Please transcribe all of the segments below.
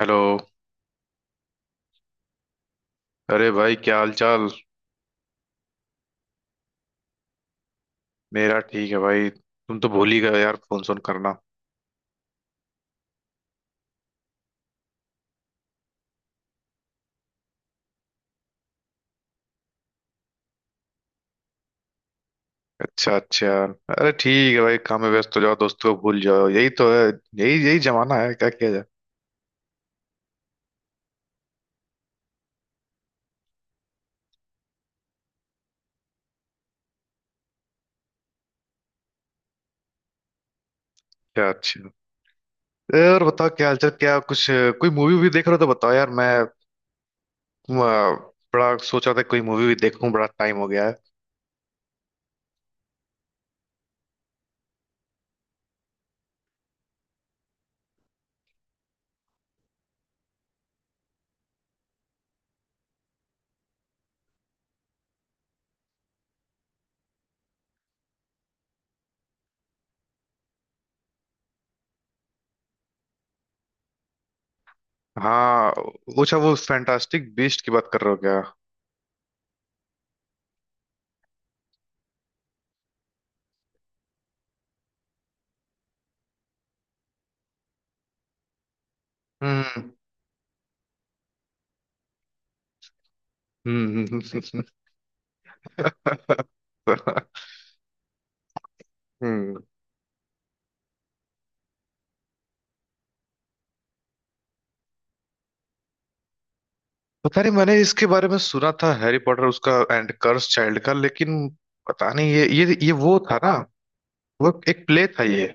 Hello. अरे भाई, क्या हाल चाल। मेरा ठीक है भाई, तुम तो भूल ही गए यार, फोन सोन करना। अच्छा अच्छा। अरे ठीक है भाई, काम में व्यस्त हो जाओ, दोस्तों को भूल जाओ, यही तो है। यही यही जमाना है, क्या किया जाए। क्या? अच्छा। और बताओ, क्या हाल चाल, क्या कुछ कोई मूवी वूवी देख रहे हो तो बताओ यार। मैं बड़ा सोच रहा था कोई मूवी भी देखूं, बड़ा टाइम हो गया है। हाँ। अच्छा, वो फैंटास्टिक बीस्ट की बात कर रहे हो क्या? हम्म, हम्म, हम्म, हम्म। हम्म। पता नहीं, मैंने इसके बारे में सुना था हैरी पॉटर उसका एंड कर्स चाइल्ड का, लेकिन पता नहीं, ये वो था ना, वो एक प्ले था ये।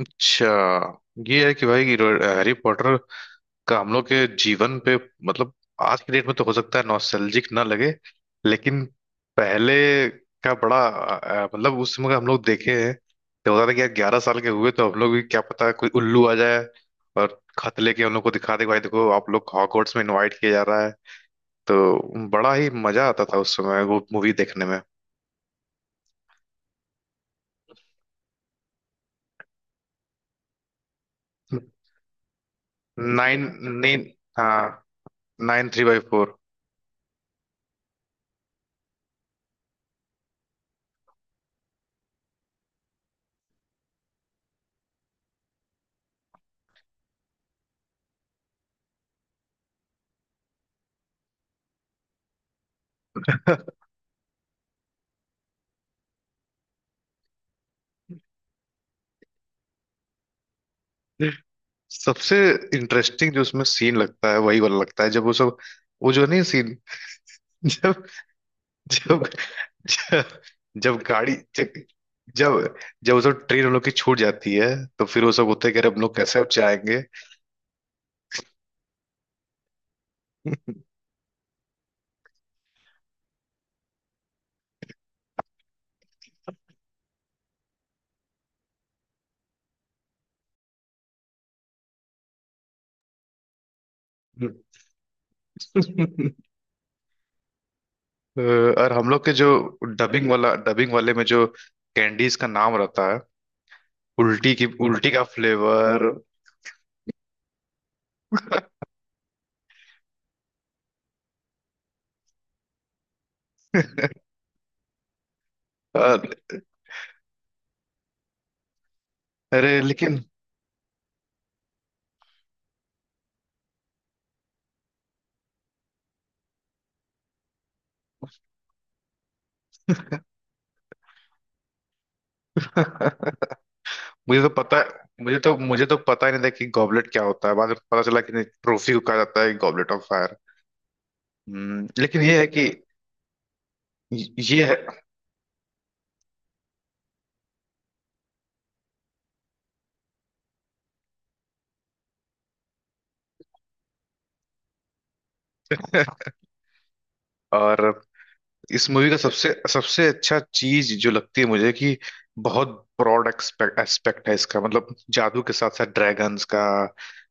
अच्छा। ये है कि भाई कि हैरी पॉटर का हम लोग के जीवन पे मतलब आज की डेट में तो हो सकता है नॉस्टैल्जिक ना लगे, लेकिन पहले का बड़ा मतलब उस समय का हम लोग देखे हैं तो होता था कि यार 11 साल के हुए तो हम लोग भी क्या पता कोई उल्लू आ जाए और खत लेके हम लोग को दिखा दे, भाई देखो आप लोग हॉगवर्ट्स में इनवाइट किया जा रहा है। तो बड़ा ही मजा आता था उस समय वो मूवी देखने में। Nine nine. हाँ। 9 3/4। सबसे इंटरेस्टिंग जो उसमें सीन लगता है वही वाला लगता है जब वो सब, वो जो नहीं सीन। जब जब जब, जब जब जब वो सब ट्रेन उन लोग की छूट जाती है तो फिर वो सब होते कह रहे, हम लोग कैसे अब जाएंगे। अ, और हम लोग के जो डबिंग वाले में जो कैंडीज का नाम रहता है, उल्टी का फ्लेवर। अरे लेकिन मुझे तो पता, मुझे तो पता ही नहीं था कि गॉबलेट क्या होता है, बाद में पता चला कि नहीं, ट्रॉफी को कहा जाता है गॉबलेट ऑफ फायर। हम्म। लेकिन ये है कि ये है। और इस मूवी का सबसे सबसे अच्छा चीज जो लगती है मुझे कि बहुत ब्रॉड एक्सपेक्ट एस्पेक्ट है, इसका मतलब जादू के साथ साथ ड्रैगन्स का,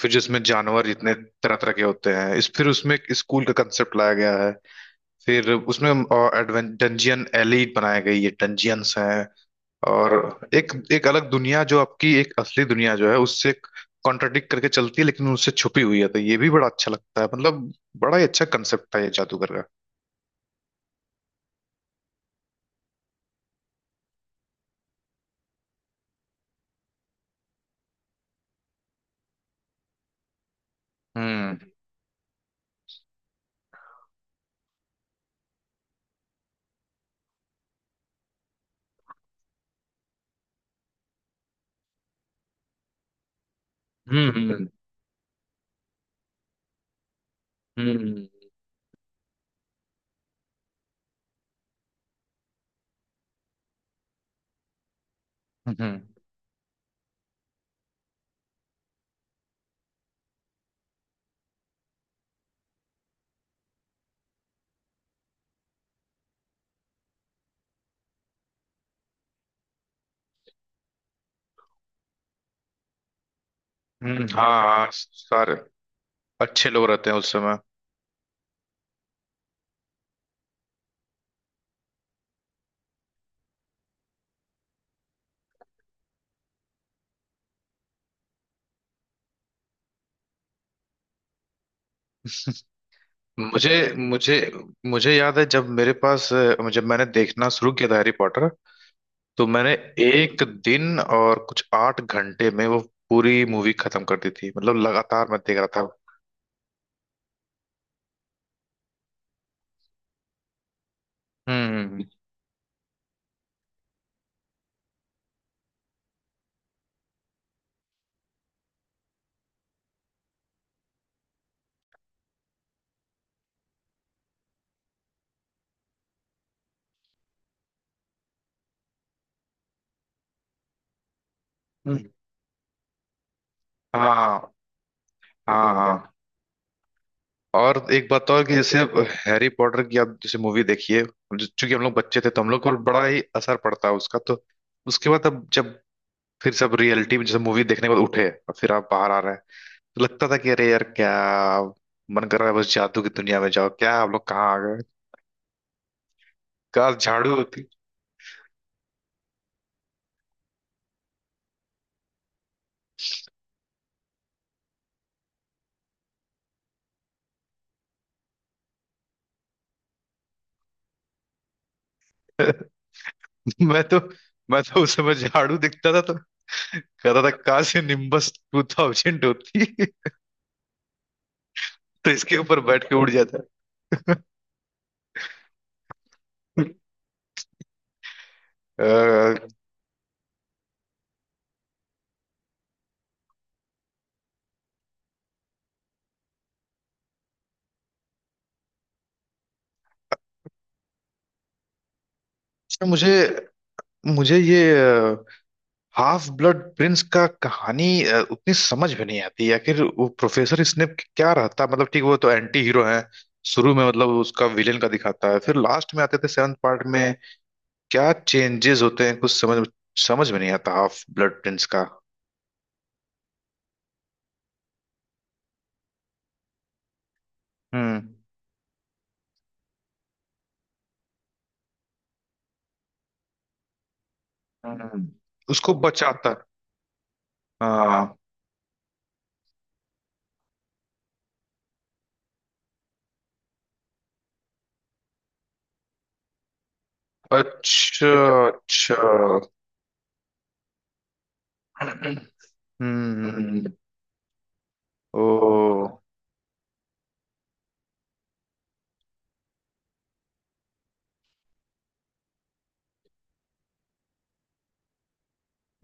फिर जिसमें जानवर जितने तरह तरह के होते हैं इस, फिर उसमें एक स्कूल का कंसेप्ट लाया गया है, फिर उसमें डंजियन एलीट बनाई गई है, डंजियंस हैं। और एक एक अलग दुनिया जो आपकी एक असली दुनिया जो है उससे कॉन्ट्रडिक्ट करके चलती है लेकिन उससे छुपी हुई है, तो ये भी बड़ा अच्छा लगता है, मतलब बड़ा ही अच्छा कंसेप्ट था ये जादूगर का। हम्म, हम्म, हम्म, हम्म, हम्म, हाँ हाँ, सारे अच्छे लोग रहते हैं उस समय। मुझे मुझे मुझे याद है जब मेरे पास जब मैंने देखना शुरू किया था हैरी पॉटर, तो मैंने एक दिन और कुछ 8 घंटे में वो पूरी मूवी खत्म कर दी थी, मतलब लगातार मैं देख रहा था। हम्म, हम्म, हाँ हाँ हाँ। और एक बात और कि जैसे हैरी पॉटर की आप जैसे मूवी देखिए चूंकि हम लोग बच्चे थे तो हम लोग को बड़ा ही असर पड़ता है उसका, तो उसके बाद अब जब फिर सब रियलिटी में जैसे मूवी देखने के बाद उठे और फिर आप बाहर आ रहे हैं तो लगता था कि अरे यार, क्या मन कर रहा है, बस जादू की दुनिया में जाओ, क्या हम लोग कहाँ आ गए, क्या झाड़ू होती। मैं तो मैं तो उस समय झाड़ू दिखता था तो कहता था कहाँ से Nimbus 2000 होती है? तो इसके ऊपर बैठ के उड़ जाता। अच्छा। मुझे मुझे ये हाफ ब्लड प्रिंस का कहानी उतनी समझ में नहीं आती, आखिर वो प्रोफेसर स्नेप क्या रहता, मतलब ठीक वो तो एंटी हीरो है, शुरू में मतलब उसका विलेन का दिखाता है, फिर लास्ट में आते थे 7th पार्ट में क्या चेंजेस होते हैं, कुछ समझ समझ में नहीं आता हाफ ब्लड प्रिंस का। हम्म। हम्म। उसको बचाता। हाँ। अच्छा। अच्छा। हम्म। ओ।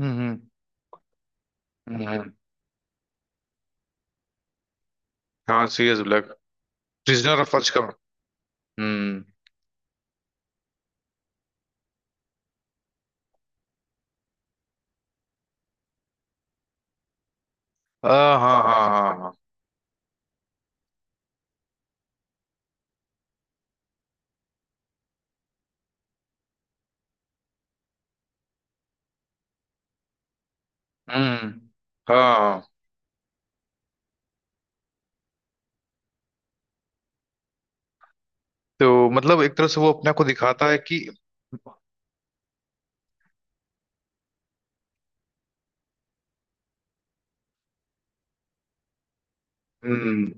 हम्म। हम्म। हाँ Sirius Black. Prisoner of Azkaban. हम्म। हाँ हाँ हाँ हाँ हाँ। हम्म। हाँ, तो मतलब एक तरह से वो अपने को दिखाता है कि। हम्म।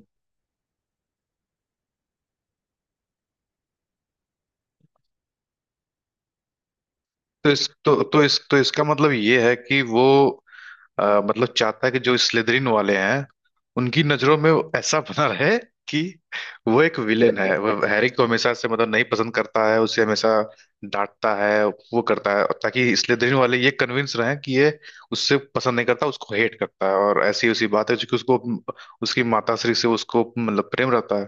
तो इस तो इसका मतलब ये है कि वो मतलब चाहता है कि जो स्लिदरिन वाले हैं उनकी नजरों में वो ऐसा बना रहे कि वो एक विलेन है, वो हैरी को हमेशा से मतलब नहीं पसंद करता है, उसे हमेशा डांटता है, वो करता है ताकि स्लिदरिन वाले ये कन्विंस रहें कि ये उससे पसंद नहीं करता, उसको हेट करता है। और ऐसी उसी बात है, क्योंकि उसको उसकी माता श्री से उसको मतलब प्रेम रहता है,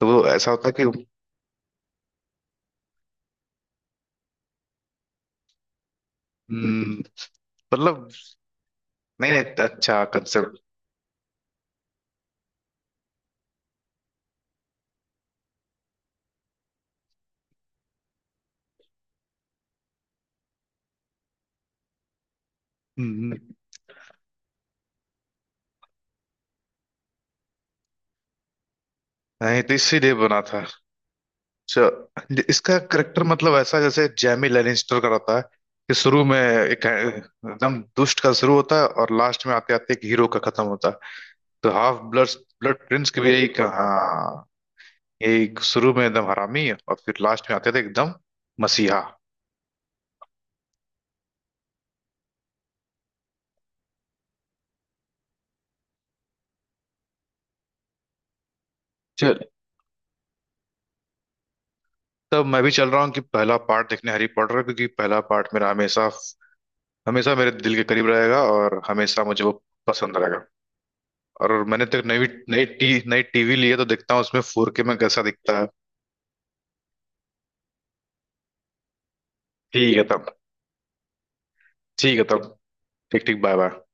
तो वो ऐसा होता है कि। हम्म। मतलब। नहीं नहीं, अच्छा कंसेप्ट। नहीं तो इसीलिए बना था। अच्छा, इसका करेक्टर मतलब ऐसा जैसे जैमी लेनिस्टर का रहता है, कि शुरू में एक एकदम दुष्ट का शुरू होता है और लास्ट में आते आते एक हीरो का खत्म होता है। तो हाफ ब्लड ब्लड प्रिंस की भी यही का-, हाँ, यही शुरू में एकदम हरामी और फिर लास्ट में आते थे एकदम मसीहा। चल। तब मैं भी चल रहा हूँ कि पहला पार्ट देखने हैरी पॉटर का, क्योंकि पहला पार्ट मेरा हमेशा हमेशा मेरे दिल के करीब रहेगा और हमेशा मुझे वो पसंद रहेगा। और मैंने तो एक नई नई टी नई टीवी ली है, तो देखता हूँ उसमें 4K में कैसा दिखता है। ठीक है तब। ठीक है तब। ठीक ठीक। Bye bye.